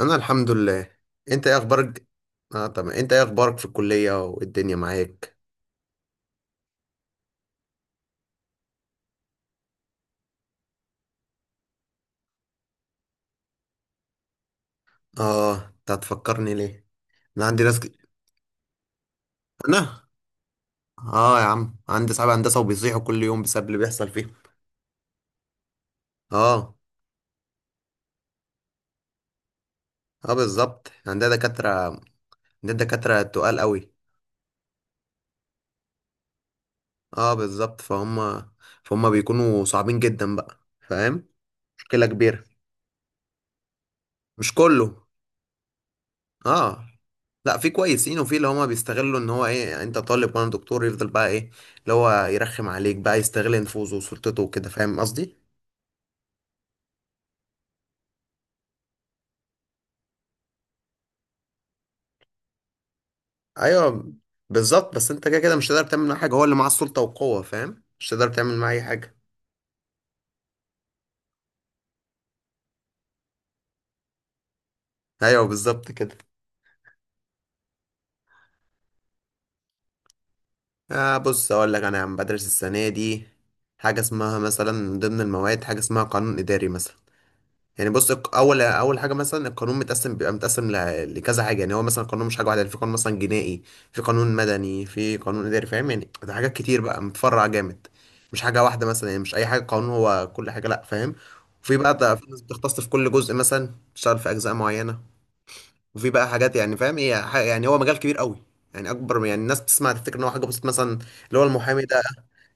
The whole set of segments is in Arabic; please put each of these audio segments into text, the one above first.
انا الحمد لله. انت ايه اخبارك؟ اه، تمام. انت ايه اخبارك في الكليه والدنيا معاك؟ اه، انت هتفكرني ليه؟ انا عندي ناس ك... انا. اه، يا عم، عندي صحاب هندسه وبيصيحوا كل يوم بسبب اللي بيحصل فيهم. اه اه، بالظبط. عندنا دكاتره، عندنا دكاتره تقال قوي. اه، بالظبط. فهم بيكونوا صعبين جدا بقى، فاهم. مشكله كبيره. مش كله. اه، لا، في كويسين وفي اللي هما بيستغلوا ان هو ايه، يعني انت طالب وانا دكتور، يفضل بقى ايه؟ اللي هو يرخم عليك بقى، يستغل نفوذه وسلطته وكده، فاهم قصدي؟ ايوه، بالظبط، بس انت كده كده مش هتقدر تعمل معاه حاجه. هو اللي معاه السلطه والقوه، فاهم، مش هتقدر تعمل معاه اي حاجه. ايوه، بالظبط كده. آه، بص اقول لك، انا عم بدرس السنه دي حاجه اسمها مثلا، من ضمن المواد حاجه اسمها قانون اداري مثلا. يعني بص، اول اول حاجه مثلا، القانون متقسم، بيبقى متقسم لكذا حاجه، يعني هو مثلا القانون مش حاجه واحده، يعني في قانون مثلا جنائي، في قانون مدني، في قانون اداري، فاهم، يعني ده حاجات كتير بقى، متفرع جامد. مش حاجه واحده مثلا، يعني مش اي حاجه قانون هو كل حاجه، لا، فاهم. وفي بقى، في ناس بتختص في كل جزء، مثلا تشتغل في اجزاء معينه. وفي بقى حاجات يعني، فاهم، هي يعني هو مجال كبير قوي. يعني اكبر، يعني الناس بتسمع تفتكر ان هو حاجه بسيطه مثلا. اللي هو المحامي ده.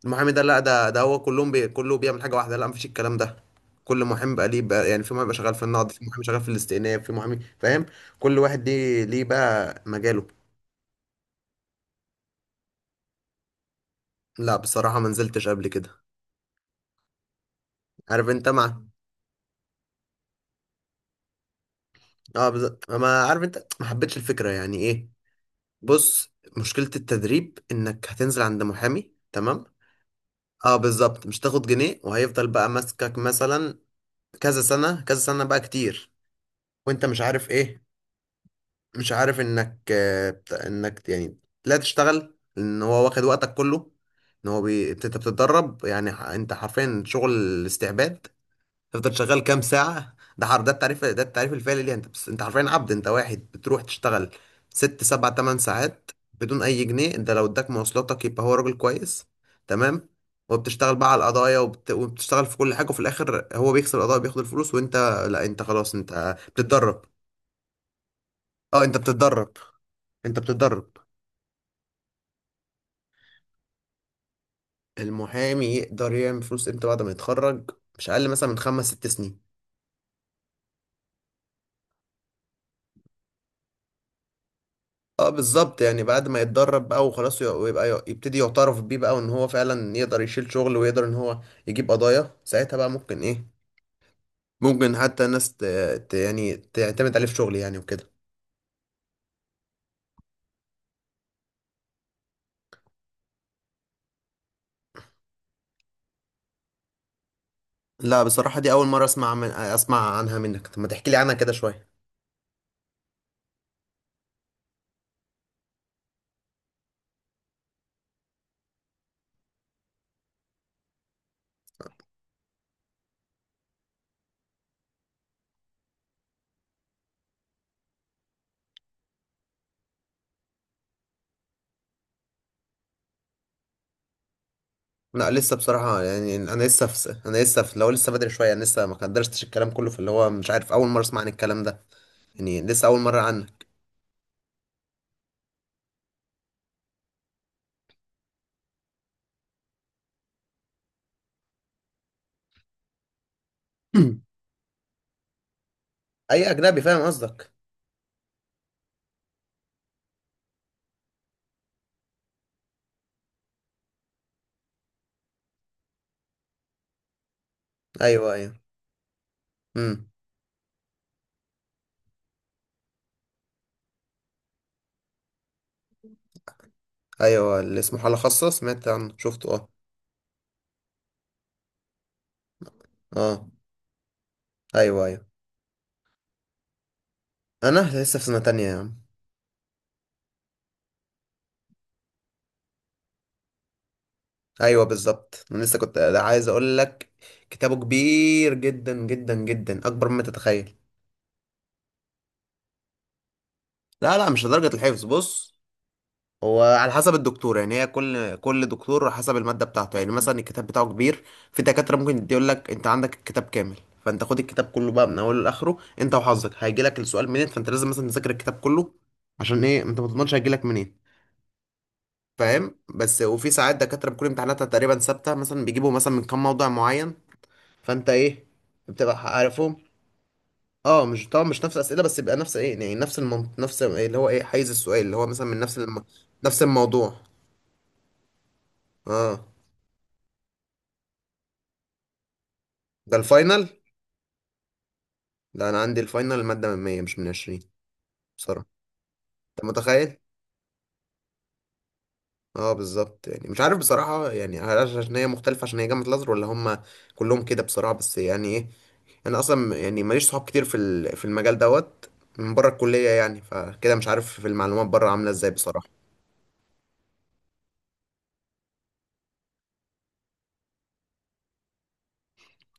المحامي ده، لا، ده هو كلهم، كله بيعمل حاجه واحده، لا، مفيش الكلام ده. كل محامي بقى ليه بقى، يعني في محامي بقى شغال في النقد، في محامي شغال في الاستئناف، في محامي، فاهم. كل واحد ليه بقى مجاله. لا، بصراحه ما نزلتش قبل كده. عارف انت مع. اه، ما عارف، انت ما حبيتش الفكره، يعني ايه. بص، مشكله التدريب انك هتنزل عند محامي، تمام. اه، بالظبط، مش تاخد جنيه وهيفضل بقى ماسكك مثلا. كذا سنه كذا سنه بقى، كتير. وانت مش عارف ايه. مش عارف انك يعني لا، تشتغل ان هو واخد وقتك كله. انت بتتدرب، يعني انت حرفيا شغل استعباد. تفضل شغال كام ساعة، ده حر، ده التعريف الفعلي ليه. انت بس انت حرفيا عبد، انت واحد بتروح تشتغل 6 7 8 ساعات بدون اي جنيه. انت لو اداك مواصلاتك يبقى هو راجل كويس. تمام. وبتشتغل بقى على القضايا، وبتشتغل في كل حاجة، وفي الاخر هو بيكسب القضايا، بياخد الفلوس، وانت. لا، انت خلاص انت بتتدرب. اه، انت بتتدرب. انت بتتدرب. المحامي يقدر يعمل فلوس امتى بعد ما يتخرج؟ مش اقل مثلا من 5 6 سنين. اه، بالظبط، يعني بعد ما يتدرب بقى وخلاص، ويبقى يبتدي يعترف بيه بقى، وان هو فعلا يقدر يشيل شغل، ويقدر ان هو يجيب قضايا، ساعتها بقى ممكن ايه. ممكن حتى ناس ت... يعني تعتمد عليه في شغل، يعني وكده. لا، بصراحة دي أول مرة أسمع عنها منك. طب ما تحكي لي عنها كده شوية. لا، لسه بصراحة، يعني أنا لسه في لو، لسه بدري شوية. أنا لسه ما قدرتش الكلام كله، في اللي هو مش عارف، أول مرة أسمع عن الكلام ده. يعني لسه، أول مرة عنك. أي أجنبي، فاهم قصدك. أيوه، أيوه. أمم. أيوه، اللي اسمه حالة خاصة، سمعت عنه، شفته، أه. أه، أيوه، أيوه. أنا لسه في سنة تانية يا عم. أيوه، بالظبط، أنا لسه كنت عايز أقول لك. كتابه كبير جدا جدا جدا، أكبر مما تتخيل. لا، لا، مش لدرجة الحفظ، بص. وعلى حسب الدكتور، يعني هي كل دكتور حسب المادة بتاعته، يعني مثلا الكتاب بتاعه كبير. في دكاترة ممكن يقول لك انت عندك الكتاب كامل. فانت خد الكتاب كله بقى من اوله لاخره، انت وحظك هيجي لك السؤال منين، فانت لازم مثلا تذاكر الكتاب كله. عشان ايه، انت ما تضمنش هيجي لك منين. فاهم، بس وفي ساعات دكاترة بتكون امتحاناتها تقريبا ثابتة، مثلا بيجيبوا مثلا من كام موضوع معين، فانت ايه، بتبقى عارفهم. اه، مش طبعا مش نفس الاسئله، بس يبقى نفس ايه يعني، نفس إيه، اللي هو ايه، حيز السؤال اللي هو مثلا من نفس الم... نفس الموضوع. اه. ده الفاينل. لا، انا عندي الفاينل المادة من 100 مش من 20. بصراحة، انت متخيل. اه، بالظبط، يعني مش عارف بصراحة، يعني هل عشان هي مختلفة، عشان هي جامعة الازهر، ولا هم كلهم كده بصراحة، بس يعني ايه، انا اصلا يعني ماليش صحاب كتير في المجال دوت، من بره الكلية، يعني فكده مش عارف في المعلومات بره عاملة ازاي بصراحة.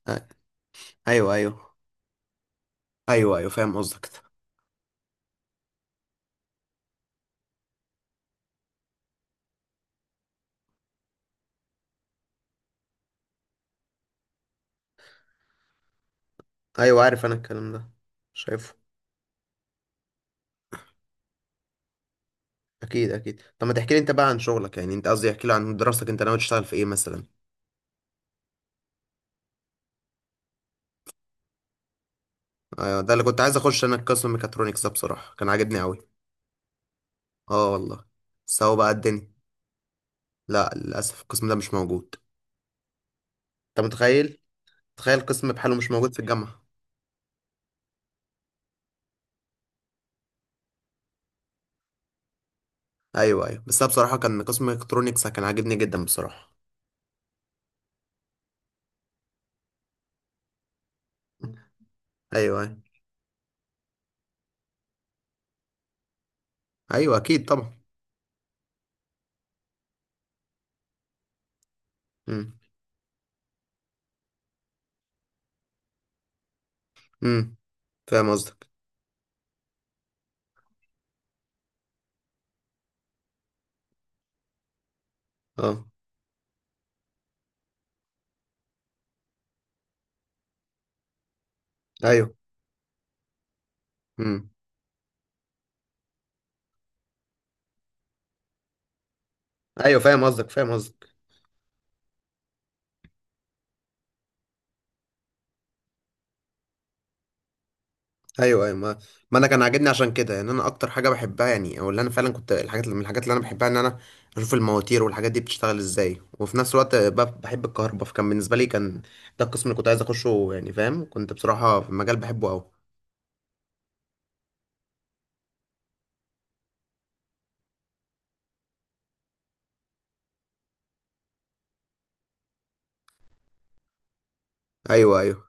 أ-. ايوه، ايوه. ايوه، ايوه، فاهم قصدك ده. ايوه، عارف انا الكلام ده، شايفه. اكيد، اكيد. طب ما تحكي لي انت بقى عن شغلك، يعني انت، قصدي احكي لي عن دراستك، انت ناوي تشتغل في ايه مثلا؟ ايوه، ده اللي كنت عايز اخش انا، القسم ميكاترونكس ده بصراحه كان عاجبني قوي. اه، والله. سوا بقى الدنيا. لا للاسف، القسم ده مش موجود. انت متخيل، تخيل، قسم بحاله مش موجود في الجامعه. ايوه، ايوه، بس انا بصراحه كان قسم ميكاترونكس كان عاجبني جدا بصراحه. ايوه، ايوه. ايوه، اكيد طبعا. امم، امم. فاهم قصدك. اه، ايوه. امم. ايوه، فاهم قصدك، فاهم قصدك. ايوه، ايوه، ما انا كان عاجبني عشان كده، يعني انا اكتر حاجه بحبها يعني، او اللي انا فعلا كنت الحاجات من الحاجات اللي انا بحبها، ان انا اشوف المواتير والحاجات دي بتشتغل ازاي، وفي نفس الوقت بحب الكهرباء، فكان بالنسبه لي كان ده القسم اللي كنت عايز اخشه. يعني فاهم، كنت بصراحه في المجال بحبه قوي. ايوه، ايوه،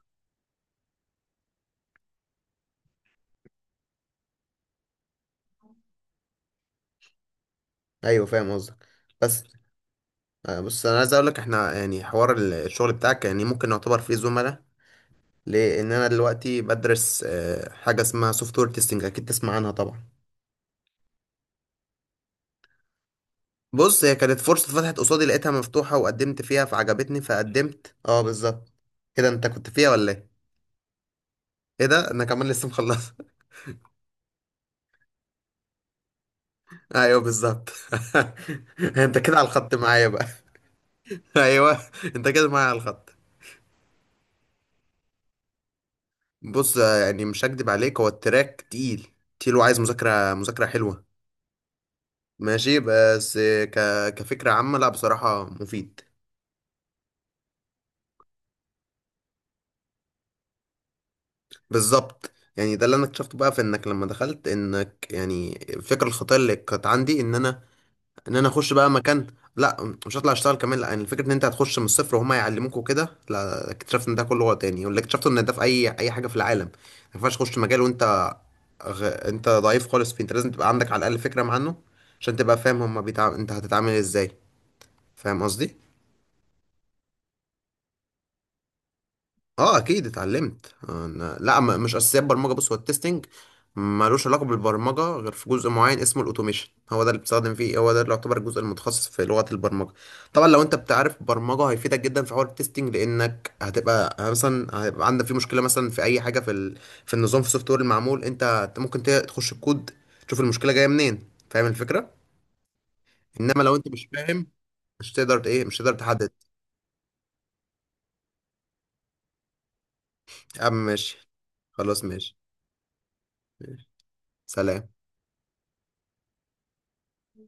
ايوه، فاهم قصدك. بس بص انا عايز اقول لك، احنا يعني حوار الشغل بتاعك، يعني ممكن نعتبر فيه زملاء. لان انا دلوقتي بدرس حاجه اسمها سوفت وير تيستنج، اكيد تسمع عنها طبعا. بص، هي كانت فرصة اتفتحت قصادي، لقيتها مفتوحة وقدمت فيها فعجبتني، فقدمت. اه، بالظبط كده. انت كنت فيها ولا ايه؟ ايه ده؟ انا كمان لسه مخلص ايوه، بالظبط. انت كده على الخط معايا بقى. ايوه. انت كده معايا على الخط. بص، يعني مش هكدب عليك، هو التراك تقيل، تقيل وعايز مذاكرة حلوة. ماشي، بس كفكرة عامة، لا بصراحة مفيد. بالظبط، يعني ده اللي انا اكتشفته بقى، في انك لما دخلت، انك يعني الفكرة الخطيرة اللي كانت عندي ان انا اخش بقى مكان. لا، مش هطلع اشتغل كمان، لا، يعني الفكره ان انت هتخش من الصفر وهم يعلموك وكده، لا، اكتشفت ان ده كله غلط، يعني واللي اكتشفته ان ده في اي حاجه في العالم ما ينفعش تخش مجال وانت انت ضعيف خالص فيه. انت لازم تبقى عندك على الاقل فكره عنه، عشان تبقى فاهم هما انت هتتعامل ازاي، فاهم قصدي؟ اه، اكيد اتعلمت لا مش اساسيات برمجه، بص هو التستنج ملوش علاقه بالبرمجه غير في جزء معين اسمه الاوتوميشن، هو ده اللي بتستخدم فيه، هو ده اللي يعتبر الجزء المتخصص في لغه البرمجه. طبعا لو انت بتعرف برمجه هيفيدك جدا في حوار التستنج، لانك هتبقى مثلا هيبقى عندك في مشكله مثلا في اي حاجه في ال... في النظام، في السوفت وير المعمول، انت ممكن تخش الكود، تشوف المشكله جايه منين، فاهم الفكره. انما لو انت مش فاهم، مش تقدر تحدد. اه، ماشي. خلاص، ماشي. ماشي. سلام.